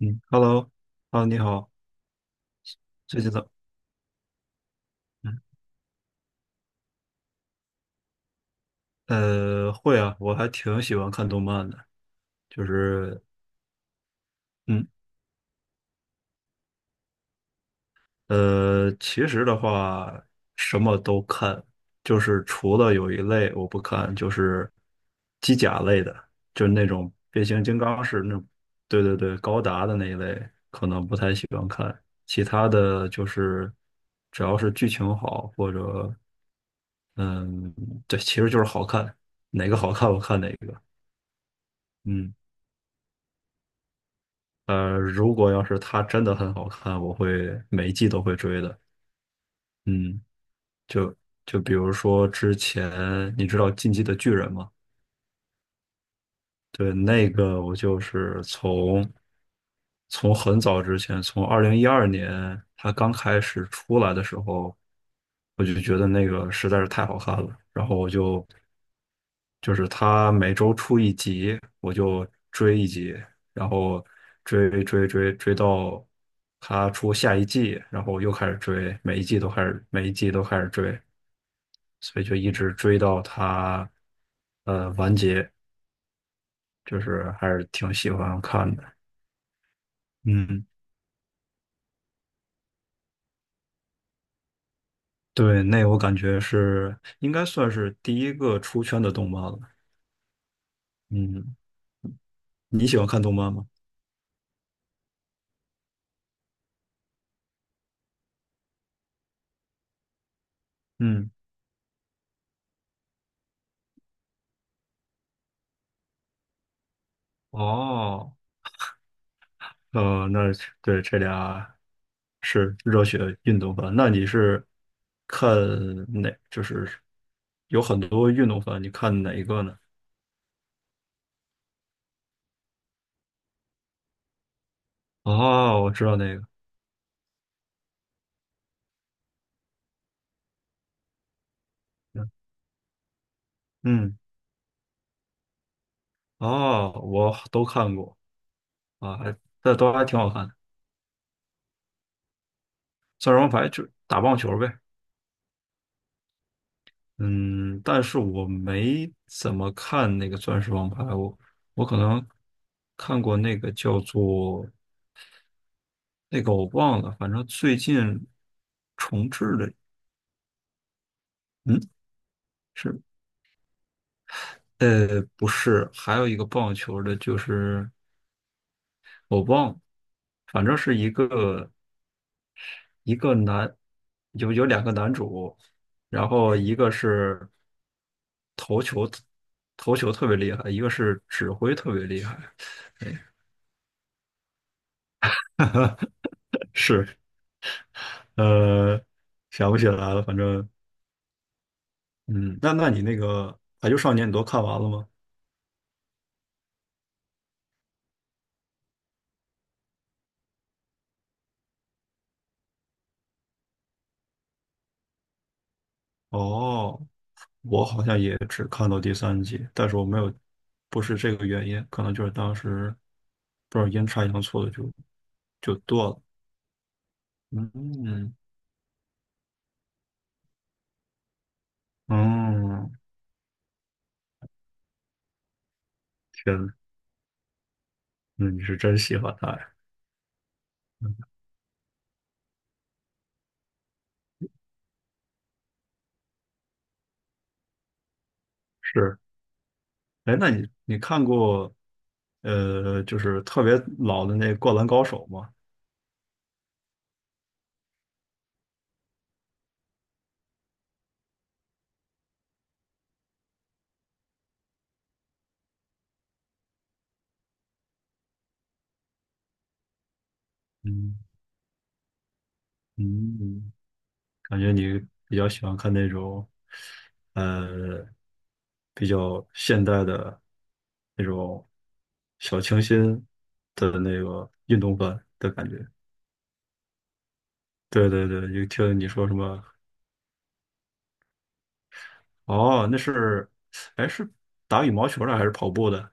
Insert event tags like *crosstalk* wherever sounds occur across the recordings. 嗯，Hello，Hello，你好，最近怎么嗯，会啊，我还挺喜欢看动漫的，就是，嗯，其实的话，什么都看，就是除了有一类我不看，就是机甲类的，就是那种变形金刚式那种，对对对，高达的那一类，可能不太喜欢看。其他的就是，只要是剧情好，或者，嗯，对，其实就是好看，哪个好看我看哪个，嗯。如果要是它真的很好看，我会每一季都会追的。嗯，就比如说之前你知道《进击的巨人》吗？对，那个我就是从很早之前，从2012年它刚开始出来的时候，我就觉得那个实在是太好看了，然后我就是他每周出一集，我就追一集，然后追追追追到他出下一季，然后又开始追，每一季都开始，每一季都开始追，所以就一直追到他完结，就是还是挺喜欢看的。嗯，对，那我感觉是应该算是第一个出圈的动漫了。嗯，你喜欢看动漫吗？嗯，哦。那是对这俩是热血运动番。那你是看哪？就是有很多运动番，你看哪一个呢？哦，我知道那个，嗯，哦，我都看过啊，还但都还挺好看的。钻石王牌就打棒球呗，嗯，但是我没怎么看那个钻石王牌，我可能看过那个叫做那个我忘了，反正最近重置的。嗯。是，不是，还有一个棒球的，就是我忘了，反正是一个男，有两个男主，然后一个是投球投球特别厉害，一个是指挥特别厉害，对，*laughs* 是，呃，想不起来了，反正，嗯，那你那个《排球少年》你都看完了吗？哦，我好像也只看到第3集，但是我没有，不是这个原因，可能就是当时不知道阴差阳错的就断了。嗯，哦，天呐，那你是真喜欢他呀？是，哎，那你看过就是特别老的那《灌篮高手》吗？嗯嗯，感觉你比较喜欢看那种，呃，比较现代的那种小清新的那个运动版的感觉。对对对，就听你说什么，哦，那是，哎，是打羽毛球的还是跑步的？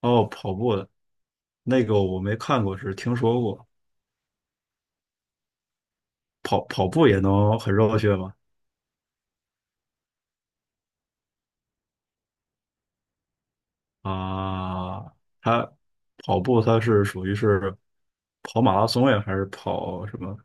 哦，跑步的，那个我没看过，只是听说过。跑跑步也能很热血吗？啊，他跑步他是属于是跑马拉松呀，还是跑什么？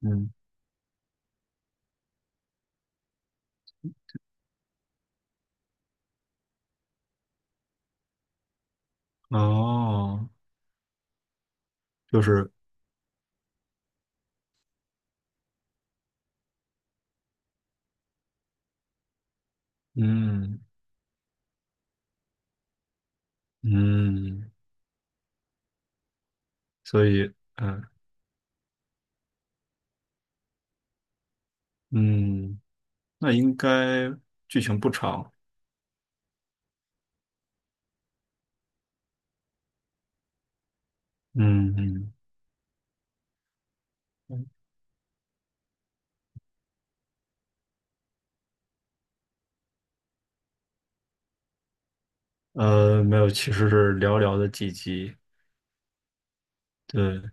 嗯，哦，就是嗯嗯，所以嗯嗯，那应该剧情不长，嗯嗯。没有，其实是寥寥的几集。对，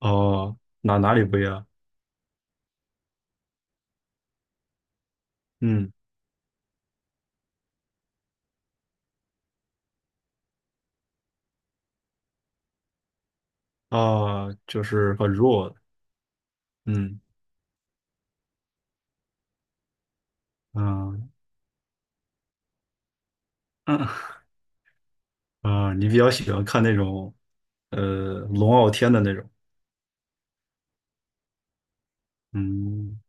哦，哪里不一样？嗯，啊，就是很弱。嗯嗯，*laughs* 啊，你比较喜欢看那种，龙傲天的那种，嗯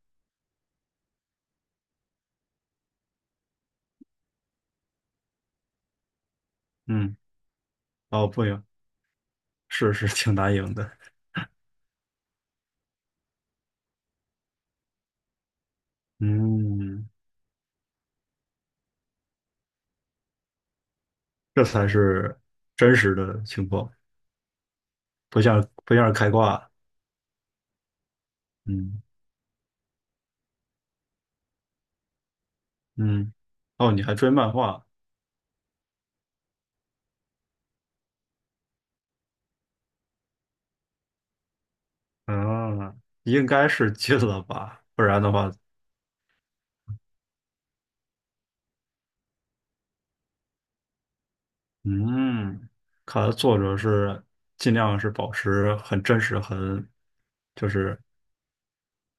嗯，哦，不行，是，是挺难赢的，嗯，这才是真实的情况，不像是开挂，嗯嗯，哦，你还追漫画，嗯，应该是进了吧，不然的话，嗯，看来作者是尽量是保持很真实，很就是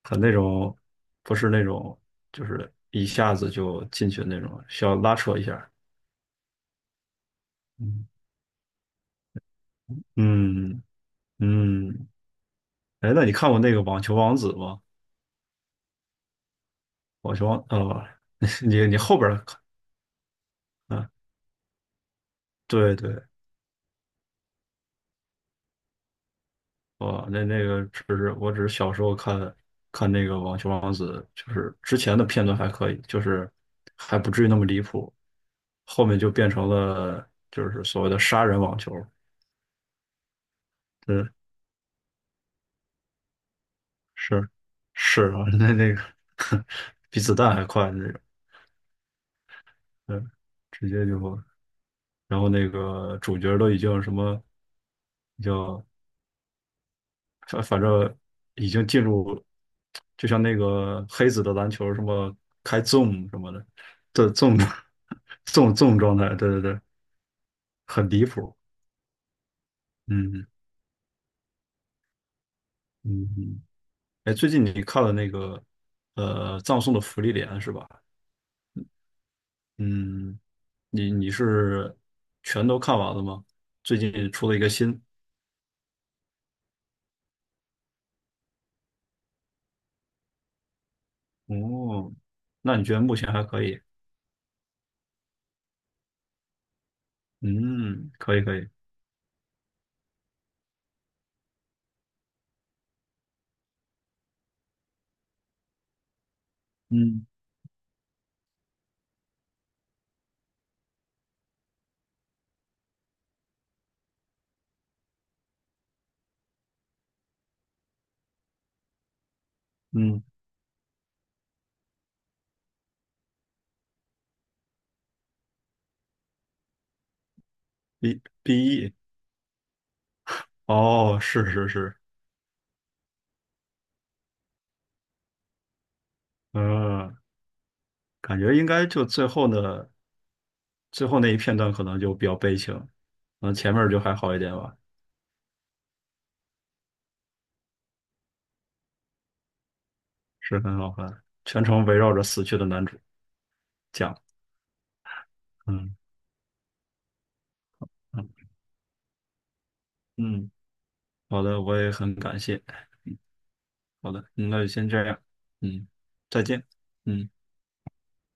他那种不是那种，就是一下子就进去的那种，需要拉扯一下。嗯嗯嗯，哎，那你看过那个《网球王子》吗？《网球王》哦，*laughs* 你后边儿看，啊，对对，哦，那个我只是小时候看看那个《网球王子》，就是之前的片段还可以，就是还不至于那么离谱，后面就变成了就是所谓的杀人网球。嗯。是是啊，那个 *laughs* 比子弹还快的那种，对，直接就，然后那个主角都已经什么，叫反正已经进入，就像那个黑子的篮球什么开 zoom 什么的，这 zoom *laughs* zoom zoom 状态，对对对，很离谱，嗯嗯嗯，哎，最近你看了那个葬送的芙莉莲是吧？嗯，你是全都看完了吗？最近出了一个新，哦，那你觉得目前还可以？嗯，可以可以，嗯嗯，BE，哦，是是是，嗯，感觉应该就最后的最后那一片段可能就比较悲情，嗯，前面儿就还好一点吧，是很好看，全程围绕着死去的男主讲，嗯嗯嗯，好的，我也很感谢，好的，那就先这样，嗯，再见，嗯。